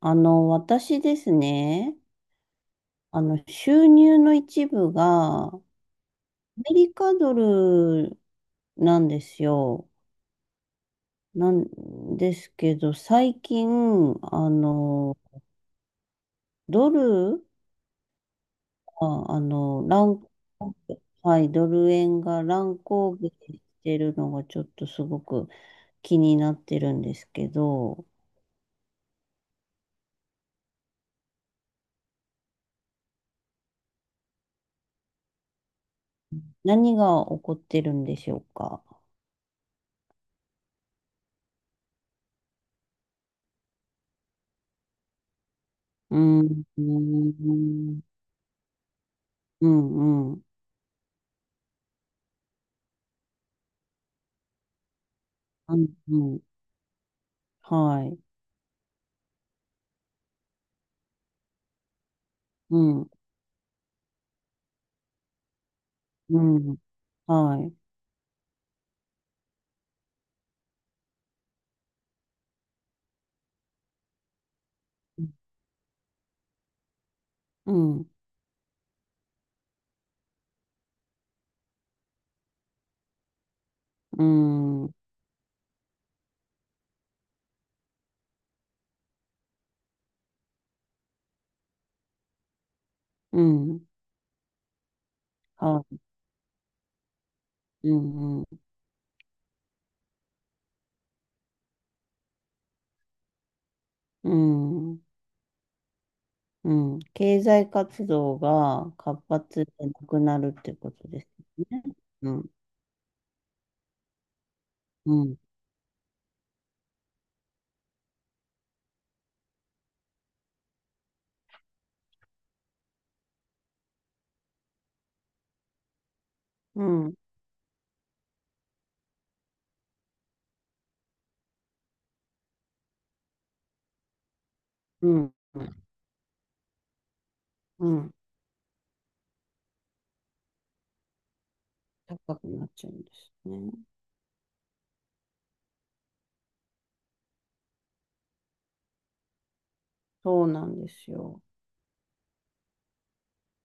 私ですね、収入の一部がアメリカドルなんですよ。なんですけど、最近、あの、ドルが、はい、ドル円が乱高下してるのがちょっとすごく気になってるんですけど、何が起こってるんでしょうか。うん、うん、うん、うん、うん、うんはい。うん、うん、はい。うん、うん、うん、はい。うん、うん、うん。うん、経済活動が活発でなくなるってことですね。うん、うん、うん、うん、うん。高くなっちゃうんですね。そうなんですよ。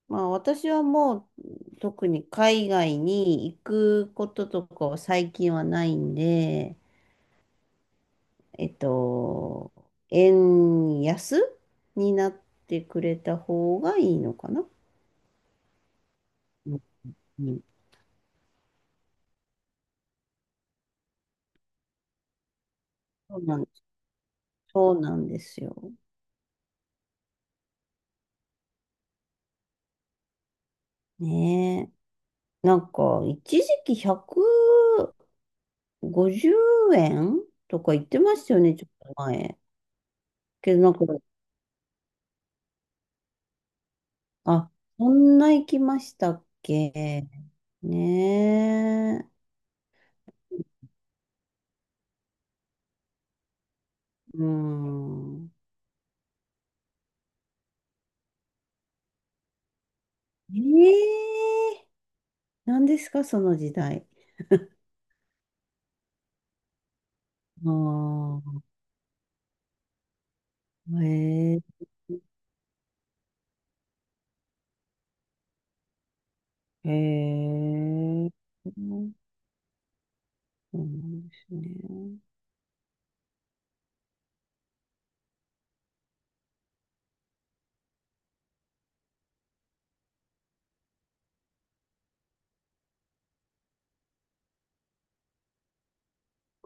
まあ私はもう特に海外に行くこととかは最近はないんで、えっと、円安になってくれた方がいいのかな。うん、うん、そうなんです。そうなんですよ。ねえ。なんか、一時期150円とか言ってましたよね、ちょっと前。けどなんか、あ、そんな行きましたっけ。ねえ。うん。ええ。何ですか、その時代。ああ。へえ、へえ、そうなんですね。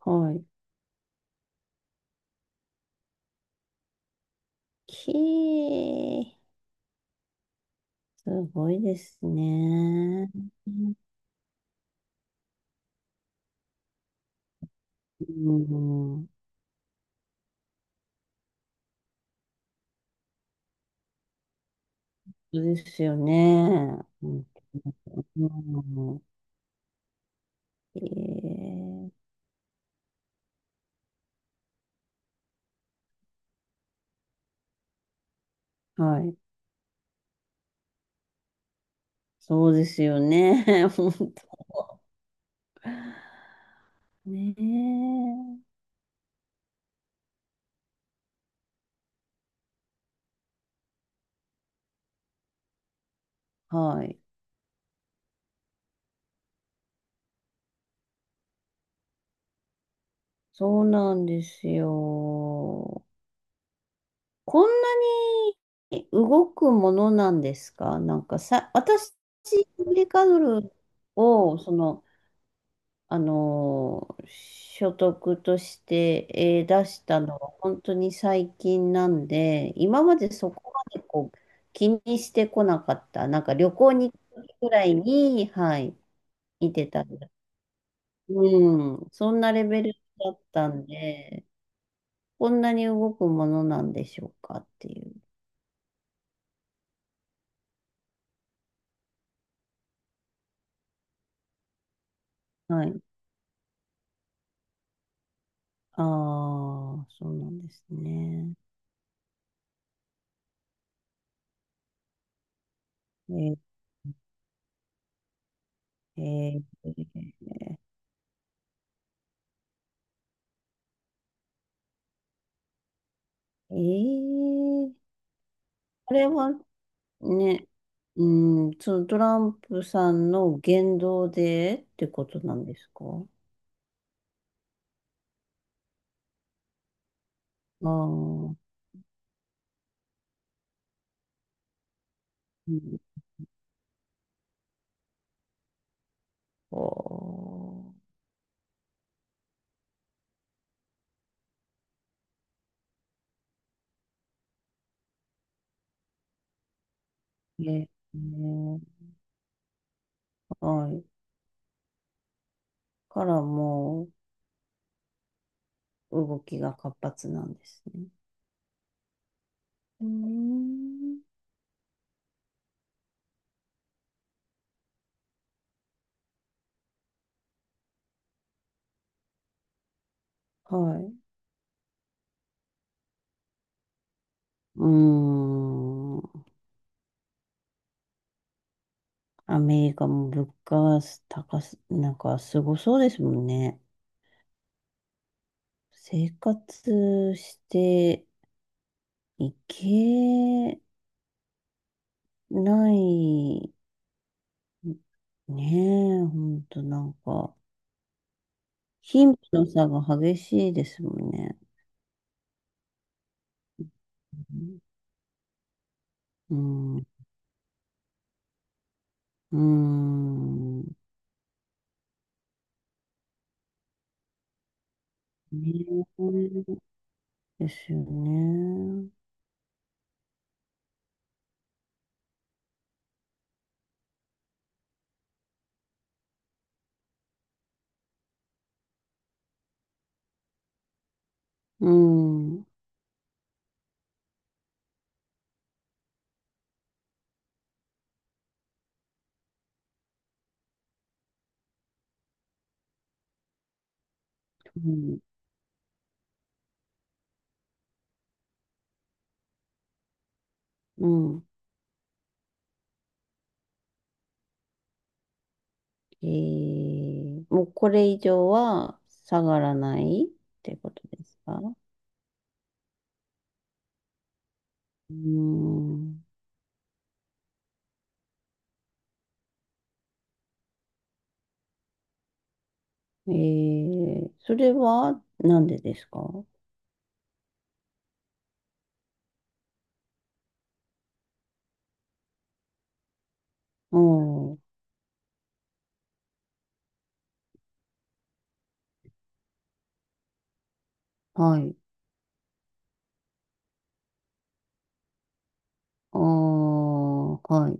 はい。き、すごいですね。うん、そうですよね。うん、うん、えー、はい。そうですよね。本当。ねえ。はい。そうなんですよ。こんなに動くものなんですか？なんかさ、私、アメリカドルを、その、所得として、出したのは本当に最近なんで、今までそこまでこう気にしてこなかった。なんか旅行に行く時くらいに、はい、見てたんだ。うん、そんなレベルだったんで、こんなに動くものなんでしょうかっていう。はい。ああ、そうなんですね。えー、えー、えー、あれはね、うん、そのトランプさんの言動でってことなんですか？ああ、うん、こう、ええ、はい。からもう動きが活発なんですね。うーん、はい。うーん。アメリカも物価は高す、なんかすごそうですもんね。生活していけない、ねえ、ほんとなんか、貧富の差が激しいですもんね。うん、うん、ねえですよね。うん、うん、うん。えー、もうこれ以上は下がらないってことですか？うーん。えー、それはなんでですか？うん。はい。ああ、はい。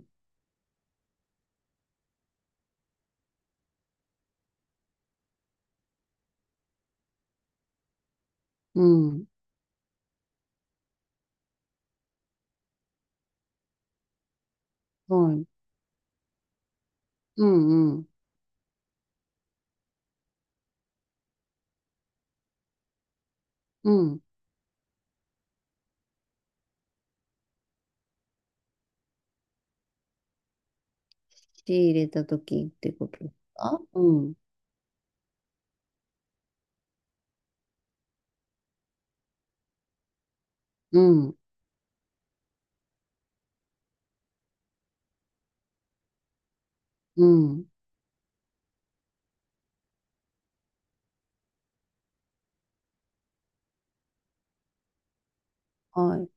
うん。はい。うん、うん。うん。仕入れたときってことですか？うん。うん。うん。はい。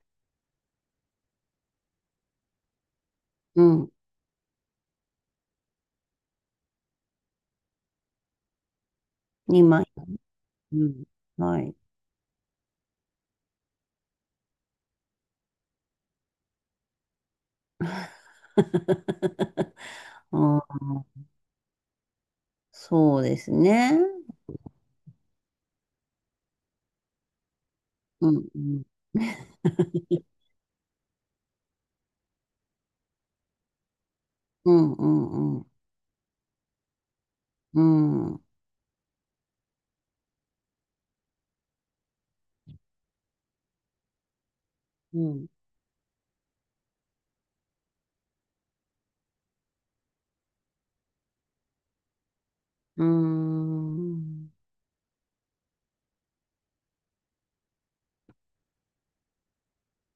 うん。2枚。うん。はい。ああ、そうですね。うん。うん、うん、うん、うん。うん。うん。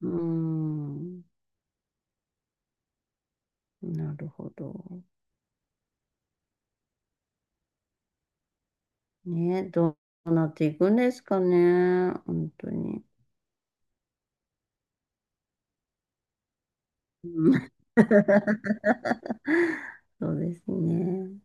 うん。なるほど。ね、どうなっていくんですかね。本当に。うん。 そうですね。